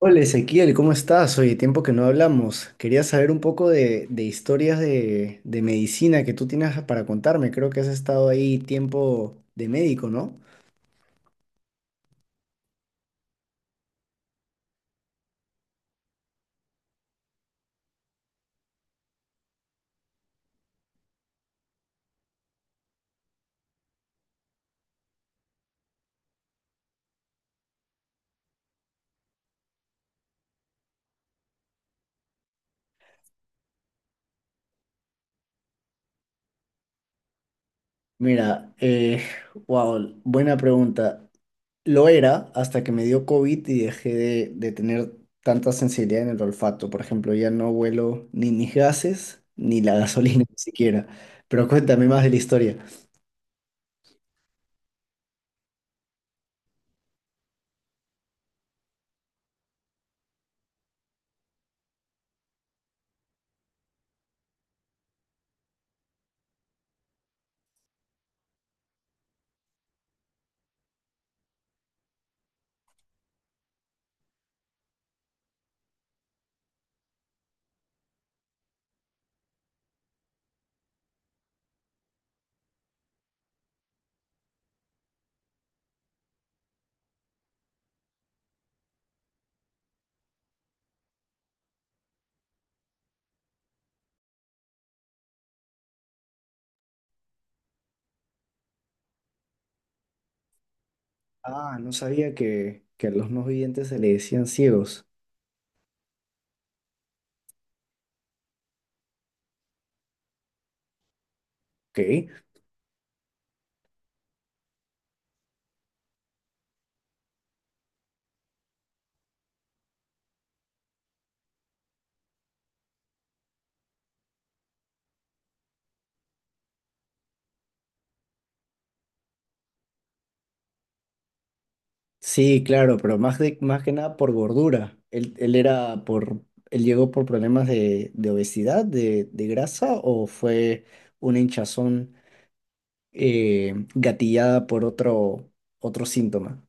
Hola Ezequiel, ¿cómo estás? Oye, tiempo que no hablamos. Quería saber un poco de historias de medicina que tú tienes para contarme. Creo que has estado ahí tiempo de médico, ¿no? Mira, wow, buena pregunta. Lo era hasta que me dio COVID y dejé de tener tanta sensibilidad en el olfato. Por ejemplo, ya no huelo ni mis gases ni la gasolina ni siquiera. Pero cuéntame más de la historia. Ah, no sabía que a los no videntes se le decían ciegos. Ok. Sí, claro, pero más, de, más que nada por gordura. Él era él llegó por problemas de obesidad, de grasa, o fue una hinchazón gatillada por otro, otro síntoma.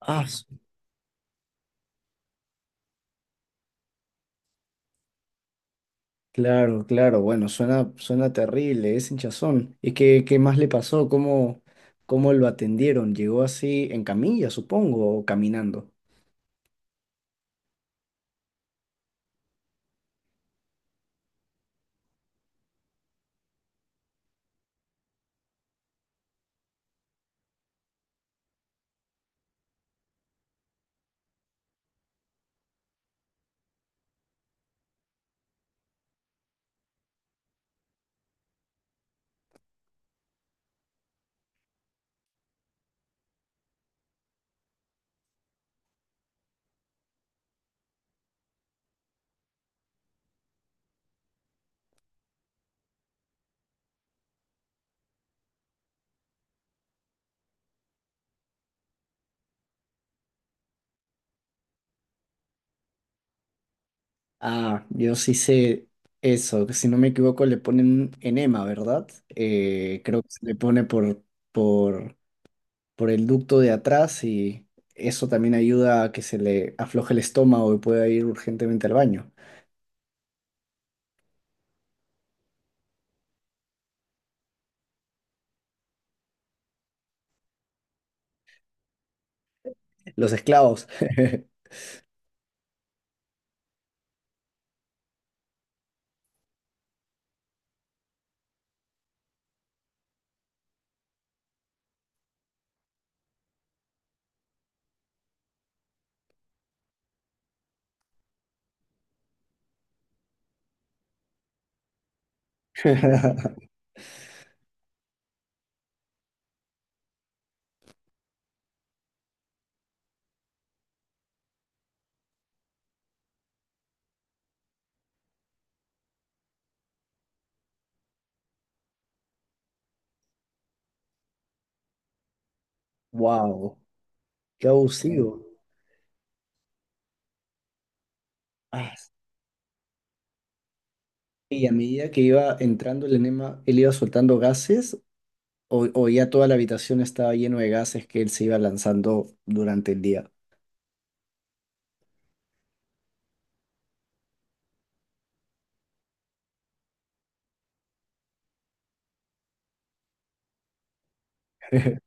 Ah, s- claro, claro. Bueno, suena, suena terrible, es hinchazón. ¿Y qué, qué más le pasó? ¿Cómo, cómo lo atendieron? ¿Llegó así en camilla, supongo, o caminando? Ah, yo sí sé eso, que si no me equivoco le ponen enema, ¿verdad? Creo que se le pone por, por el ducto de atrás y eso también ayuda a que se le afloje el estómago y pueda ir urgentemente al baño. Los esclavos. Wow, qué abusivo. Ah, y a medida que iba entrando el enema, él iba soltando gases o ya toda la habitación estaba lleno de gases que él se iba lanzando durante el día.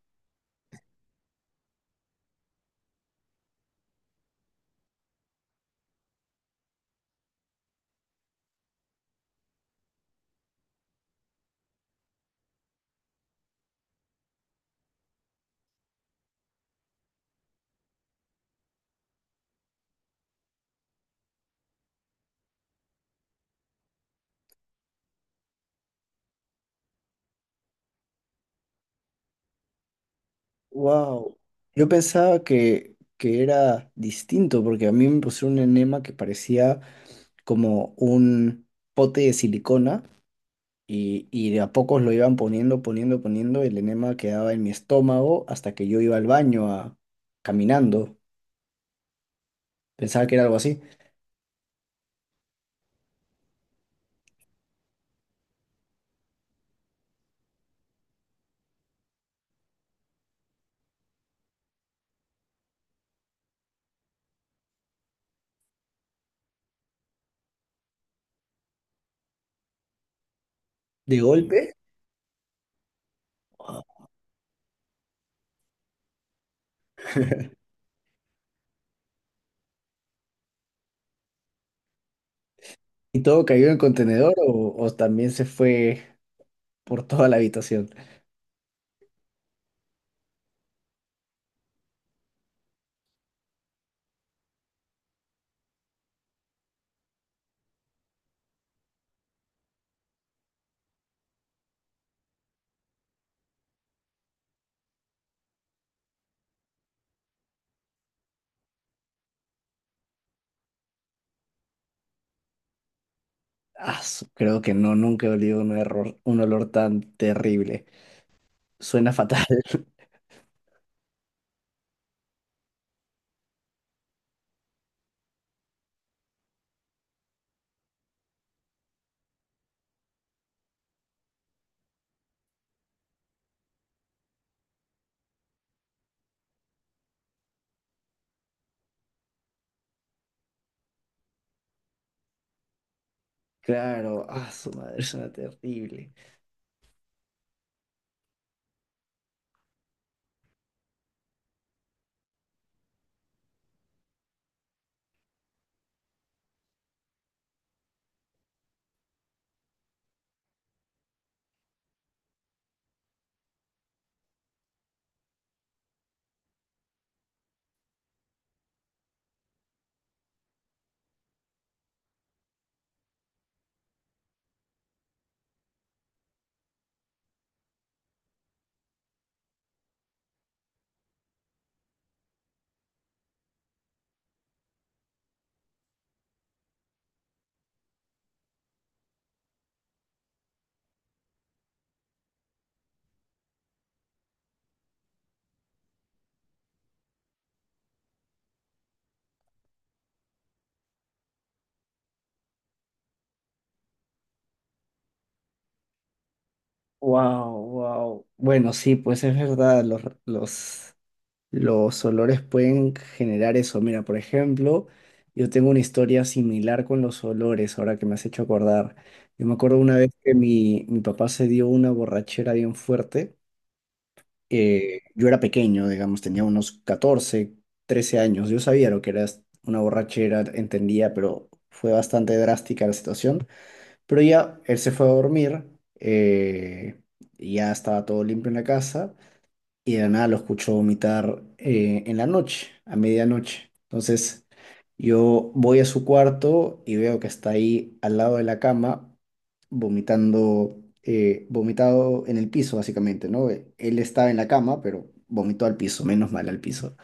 Wow, yo pensaba que era distinto porque a mí me pusieron un enema que parecía como un pote de silicona y de a pocos lo iban poniendo, poniendo, poniendo, y el enema quedaba en mi estómago hasta que yo iba al baño a, caminando. Pensaba que era algo así. De golpe, ¡guau! Y todo cayó en el contenedor o también se fue por toda la habitación. Creo que no, nunca he olido un error, un olor tan terrible. Suena fatal. Claro, ah, su madre suena terrible. Wow, wow. Bueno, sí, pues es verdad, los olores pueden generar eso. Mira, por ejemplo, yo tengo una historia similar con los olores, ahora que me has hecho acordar. Yo me acuerdo una vez que mi papá se dio una borrachera bien fuerte. Yo era pequeño, digamos, tenía unos 14 13 años. Yo sabía lo que era una borrachera, entendía, pero fue bastante drástica la situación. Pero ya él se fue a dormir, eh, y ya estaba todo limpio en la casa y de la nada lo escucho vomitar en la noche, a medianoche. Entonces yo voy a su cuarto y veo que está ahí al lado de la cama, vomitando, vomitado en el piso básicamente, ¿no? Él estaba en la cama, pero vomitó al piso, menos mal al piso.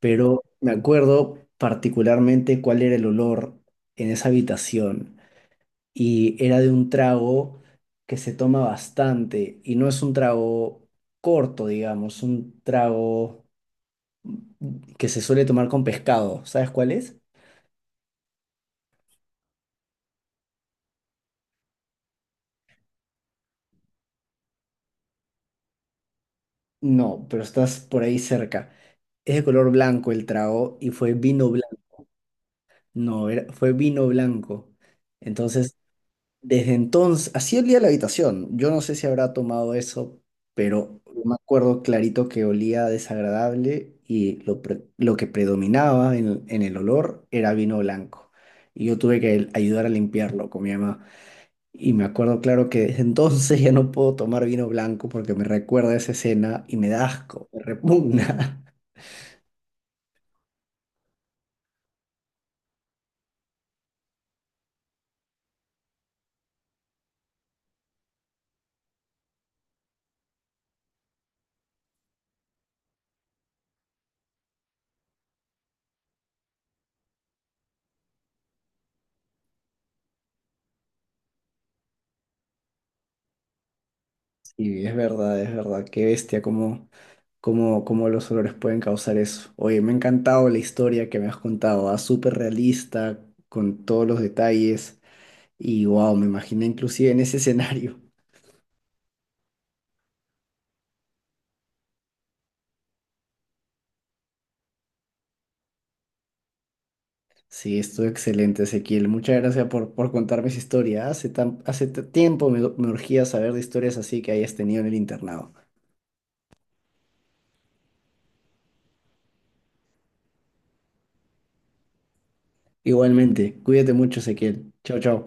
Pero me acuerdo particularmente cuál era el olor en esa habitación y era de un trago que se toma bastante y no es un trago corto, digamos, un trago que se suele tomar con pescado. ¿Sabes cuál es? No, pero estás por ahí cerca. Es de color blanco el trago y fue vino blanco. No, era- Fue vino blanco. Entonces desde entonces, así olía la habitación. Yo no sé si habrá tomado eso, pero me acuerdo clarito que olía desagradable y lo que predominaba en el olor era vino blanco. Y yo tuve que ayudar a limpiarlo con mi mamá. Y me acuerdo claro que desde entonces ya no puedo tomar vino blanco porque me recuerda a esa escena y me da asco, me repugna. Sí, es verdad, es verdad. Qué bestia, como cómo, cómo los olores pueden causar eso. Oye, me ha encantado la historia que me has contado, ah, súper realista, con todos los detalles y wow, me imaginé inclusive en ese escenario. Sí, estuvo excelente, Ezequiel. Muchas gracias por contarme esa historia. Hace tan, hace t- Tiempo me urgía saber de historias así que hayas tenido en el internado. Igualmente, cuídate mucho, Ezequiel. Chao, chao.